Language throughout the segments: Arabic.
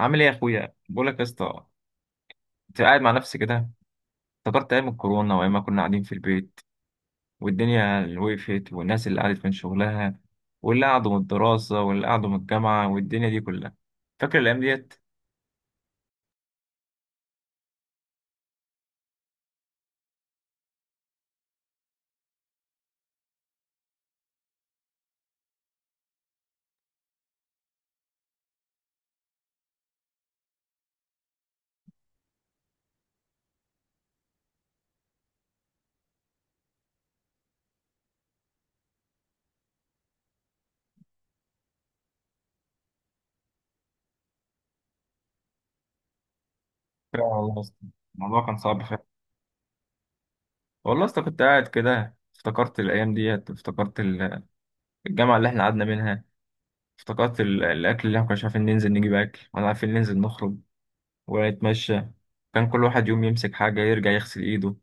عامل ايه يا اخويا؟ بقول لك يا اسطى، انت قاعد مع نفسك كده، افتكرت ايام الكورونا، وايام ما كنا قاعدين في البيت، والدنيا اللي وقفت، والناس اللي قعدت من شغلها، واللي قعدوا من الدراسه، واللي قعدوا من الجامعه، والدنيا دي كلها. فاكر الايام ديت؟ فعلا والله يا اسطى، الموضوع كان صعب فعلا. والله يا اسطى كنت قاعد كده، افتكرت الايام ديت، افتكرت الجامعه اللي احنا قعدنا منها. افتكرت الاكل اللي احنا كناش عارفين ننزل نجيب اكل، ولا عارفين ننزل نخرج ونتمشى. كان كل واحد يوم يمسك حاجه يرجع يغسل ايده،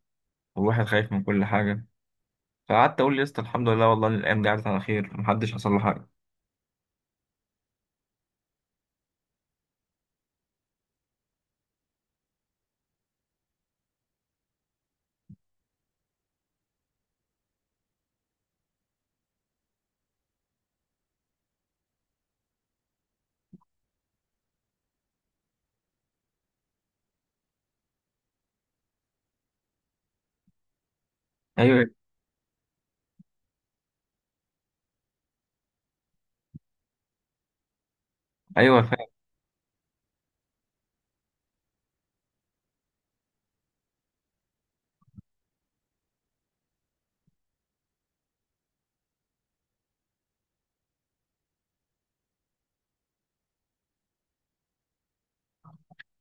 والواحد خايف من كل حاجه. فقعدت اقول يا اسطى، الحمد لله والله إن الايام دي عدت على خير، محدش حصل له حاجه. ايوه، ايوه.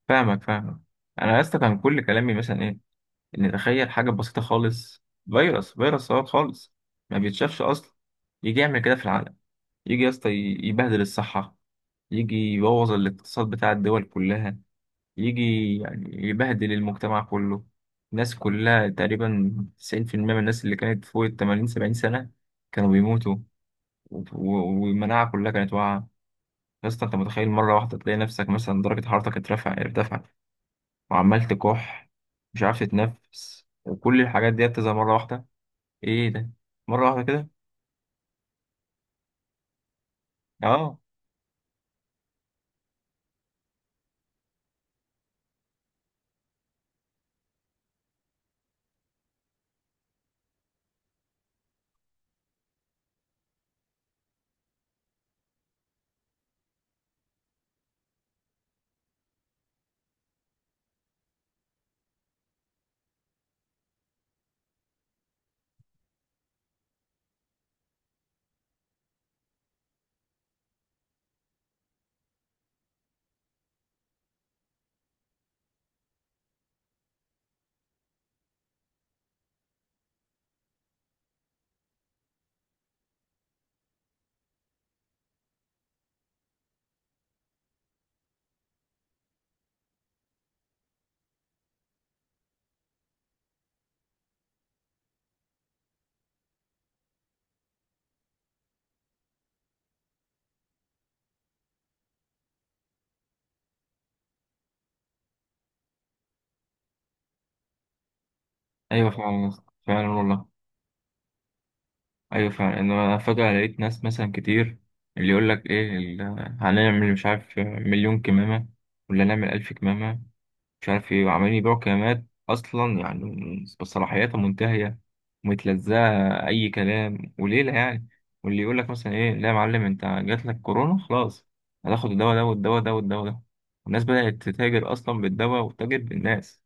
فاهمك فاهمك. انا يا اسطى كان كل كلامي مثلا ايه؟ ان تخيل حاجه بسيطه خالص، فيروس فيروس صغير خالص، ما بيتشافش اصلا، يجي يعمل كده في العالم، يجي يا اسطى، يبهدل الصحه، يجي يبوظ الاقتصاد بتاع الدول كلها، يجي يعني يبهدل المجتمع كله. الناس كلها تقريبا، 90% من الناس اللي كانت فوق ال 80 70 سنه، كانوا بيموتوا. والمناعه كلها كانت واقعه. يا اسطى، انت متخيل مره واحده تلاقي نفسك مثلا درجه حرارتك ارتفع، وعمال تكح، مش عارف تتنفس، وكل الحاجات دي تظهر مره واحده. ايه ده؟ مره واحده كده؟ اه. ايوه، فعلا يا اسطى. فعلا والله. ايوه فعلا، ان انا فجاه لقيت ناس مثلا كتير، اللي يقول لك ايه هنعمل مش عارف، مليون كمامه، ولا نعمل الف كمامه، مش عارف ايه، وعمالين يبيعوا كمامات اصلا يعني، بصلاحياتها منتهيه، ومتلزقه، اي كلام وليله يعني. واللي يقول لك مثلا ايه، لا يا معلم، انت جات لك كورونا خلاص، هتاخد الدواء ده، والدواء ده، والدواء ده. الناس بدات تتاجر اصلا بالدواء، وتتاجر بالناس.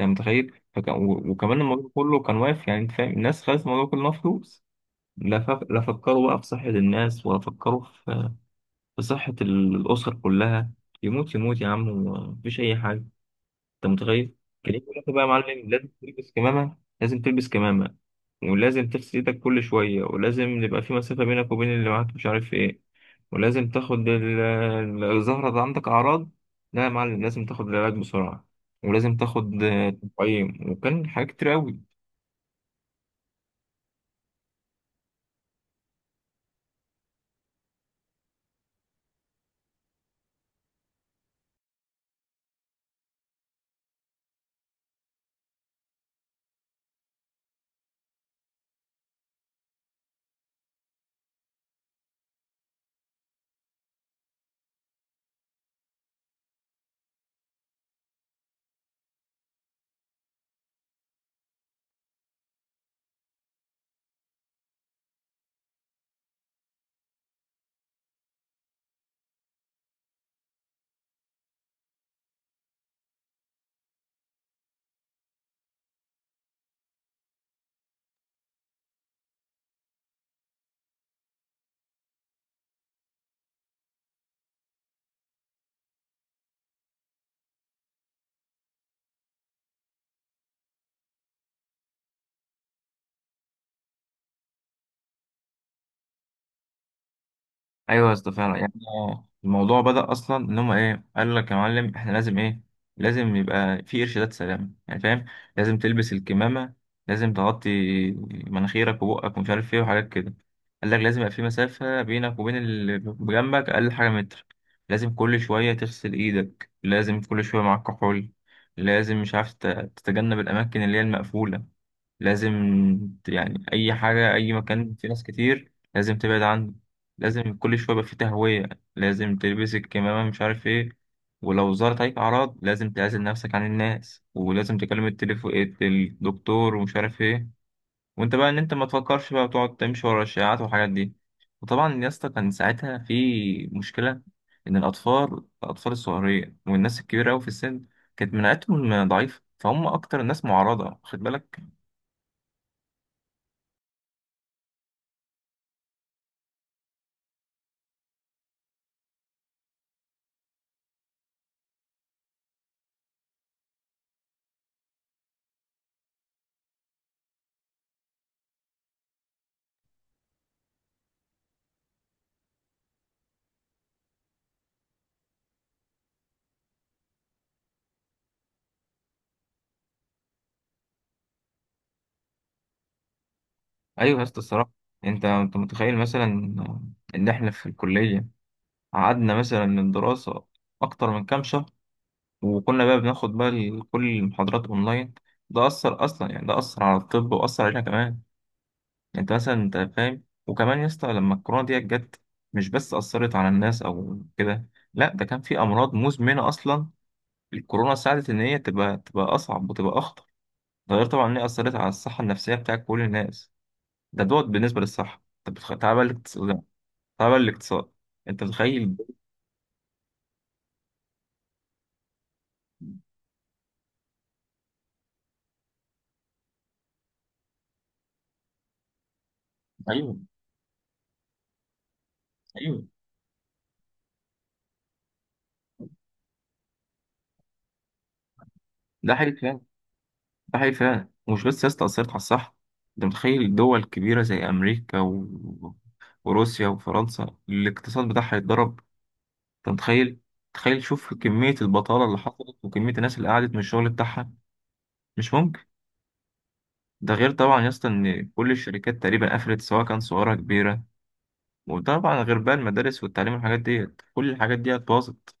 انت متخيل؟ وكمان الموضوع كله كان واقف يعني، انت فاهم؟ الناس خدت الموضوع كله فلوس. لا فكروا بقى في صحه الناس، ولا فكروا في صحه الاسر كلها. يموت يموت يا عم، ومفيش اي حاجه. انت متخيل؟ كان يجي يقول لك بقى يا معلم، لازم تلبس كمامه، لازم تلبس كمامه، ولازم تغسل ايدك كل شويه، ولازم يبقى في مسافه بينك وبين اللي معاك، مش عارف ايه، ولازم تاخد الزهره، ده عندك اعراض، لا يا معلم لازم تاخد العلاج بسرعه، ولازم تاخد تقييم، وكان حاجات كتير قوي. ايوه يا اسطى فعلا يعني، الموضوع بدأ اصلا، ان هم ايه؟ قال لك يا معلم، احنا لازم ايه؟ لازم يبقى في ارشادات سلامه يعني، فاهم؟ لازم تلبس الكمامه، لازم تغطي مناخيرك وبقك، ومش عارف ايه، وحاجات كده. قال لك لازم يبقى في مسافه بينك وبين اللي بجنبك، اقل حاجه متر، لازم كل شويه تغسل ايدك، لازم كل شويه معاك كحول، لازم مش عارف تتجنب الاماكن اللي هي المقفوله، لازم يعني أي حاجة، أي مكان فيه ناس كتير لازم تبعد عنه. لازم كل شوية يبقى فيه تهوية، لازم تلبس الكمامة، مش عارف إيه. ولو ظهرت عليك أعراض لازم تعزل نفسك عن الناس، ولازم تكلم التليفون الدكتور، ومش عارف إيه. وأنت بقى إن أنت ما تفكرش بقى، وتقعد تمشي ورا الشائعات والحاجات دي. وطبعا يا اسطى كان ساعتها في مشكلة، إن الأطفال الأطفال الصغيرة والناس الكبيرة أوي في السن، كانت مناعتهم ضعيفة، فهم أكتر الناس معرضة، خد بالك. ايوه يا اسطى، الصراحه، انت متخيل مثلا، ان احنا في الكليه قعدنا مثلا من دراسه اكتر من كام شهر، وكنا بقى بناخد بقى كل المحاضرات اونلاين. ده اثر اصلا يعني، ده اثر على الطب، واثر علينا كمان. انت مثلا انت فاهم، وكمان يا اسطى لما الكورونا ديت جت، مش بس اثرت على الناس او كده، لا ده كان في امراض مزمنه اصلا، الكورونا ساعدت ان هي تبقى اصعب، وتبقى اخطر. ده غير طبعا ان هي اثرت على الصحه النفسيه بتاع كل الناس. ده دوت بالنسبه للصحه، طب تعالى بقى تبع الاقتصاد. انت متخيل؟ ايوه، ايوه. ده حقيقي فعلا. ده حقيقي فعلا، ومش بس سياسة أثرت على الصحة. انت متخيل دول كبيرة زي أمريكا وروسيا وفرنسا، الاقتصاد بتاعها يتضرب. انت متخيل؟ تخيل، شوف كمية البطالة اللي حصلت، وكمية الناس اللي قعدت من الشغل بتاعها. مش ممكن. ده غير طبعا يا اسطى ان كل الشركات تقريبا قفلت، سواء كان صغيرة كبيرة. وطبعا غير بقى المدارس والتعليم والحاجات ديت، كل الحاجات ديت باظت.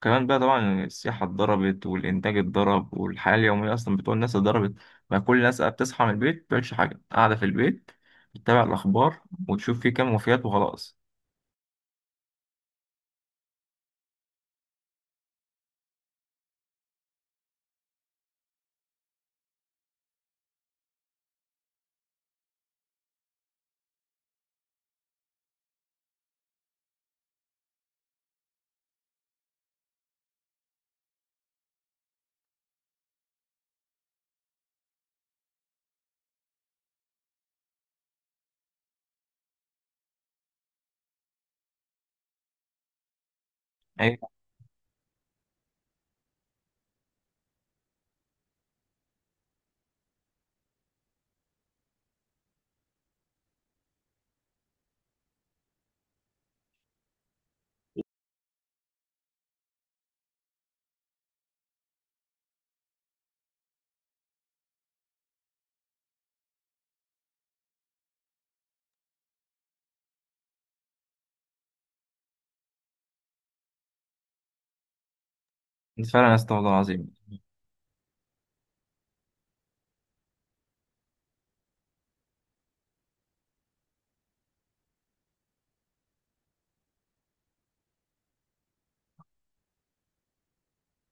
كمان بقى طبعا السياحة اتضربت، والإنتاج اتضرب، والحياة اليومية أصلا بتوع الناس اتضربت. بقى كل الناس بقى بتصحى من البيت، مبتعملش حاجة، قاعدة في البيت، بتتابع الأخبار، وتشوف فيه كام وفيات، وخلاص. أي، فعلا يا اسطى والله العظيم.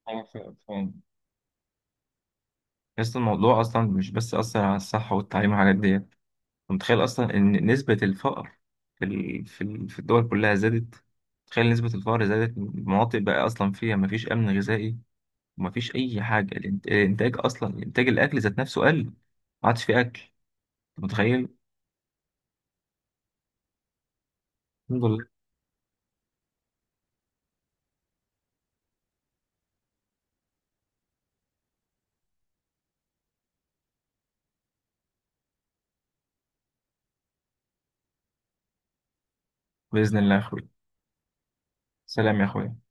أيوة، فعلا فعلا. يا اسطى الموضوع أصلا مش بس أثر على الصحة والتعليم والحاجات ديت. أنت متخيل أصلا إن نسبة الفقر في الدول كلها زادت. تخيل نسبة الفقر زادت، المناطق بقى أصلا فيها مفيش أمن غذائي، ومفيش اي حاجه. الانتاج اصلا انتاج الاكل ذات نفسه قل، ما عادش في اكل. أنت متخيل؟ الحمد لله. باذن الله يا اخوي. سلام يا اخوي.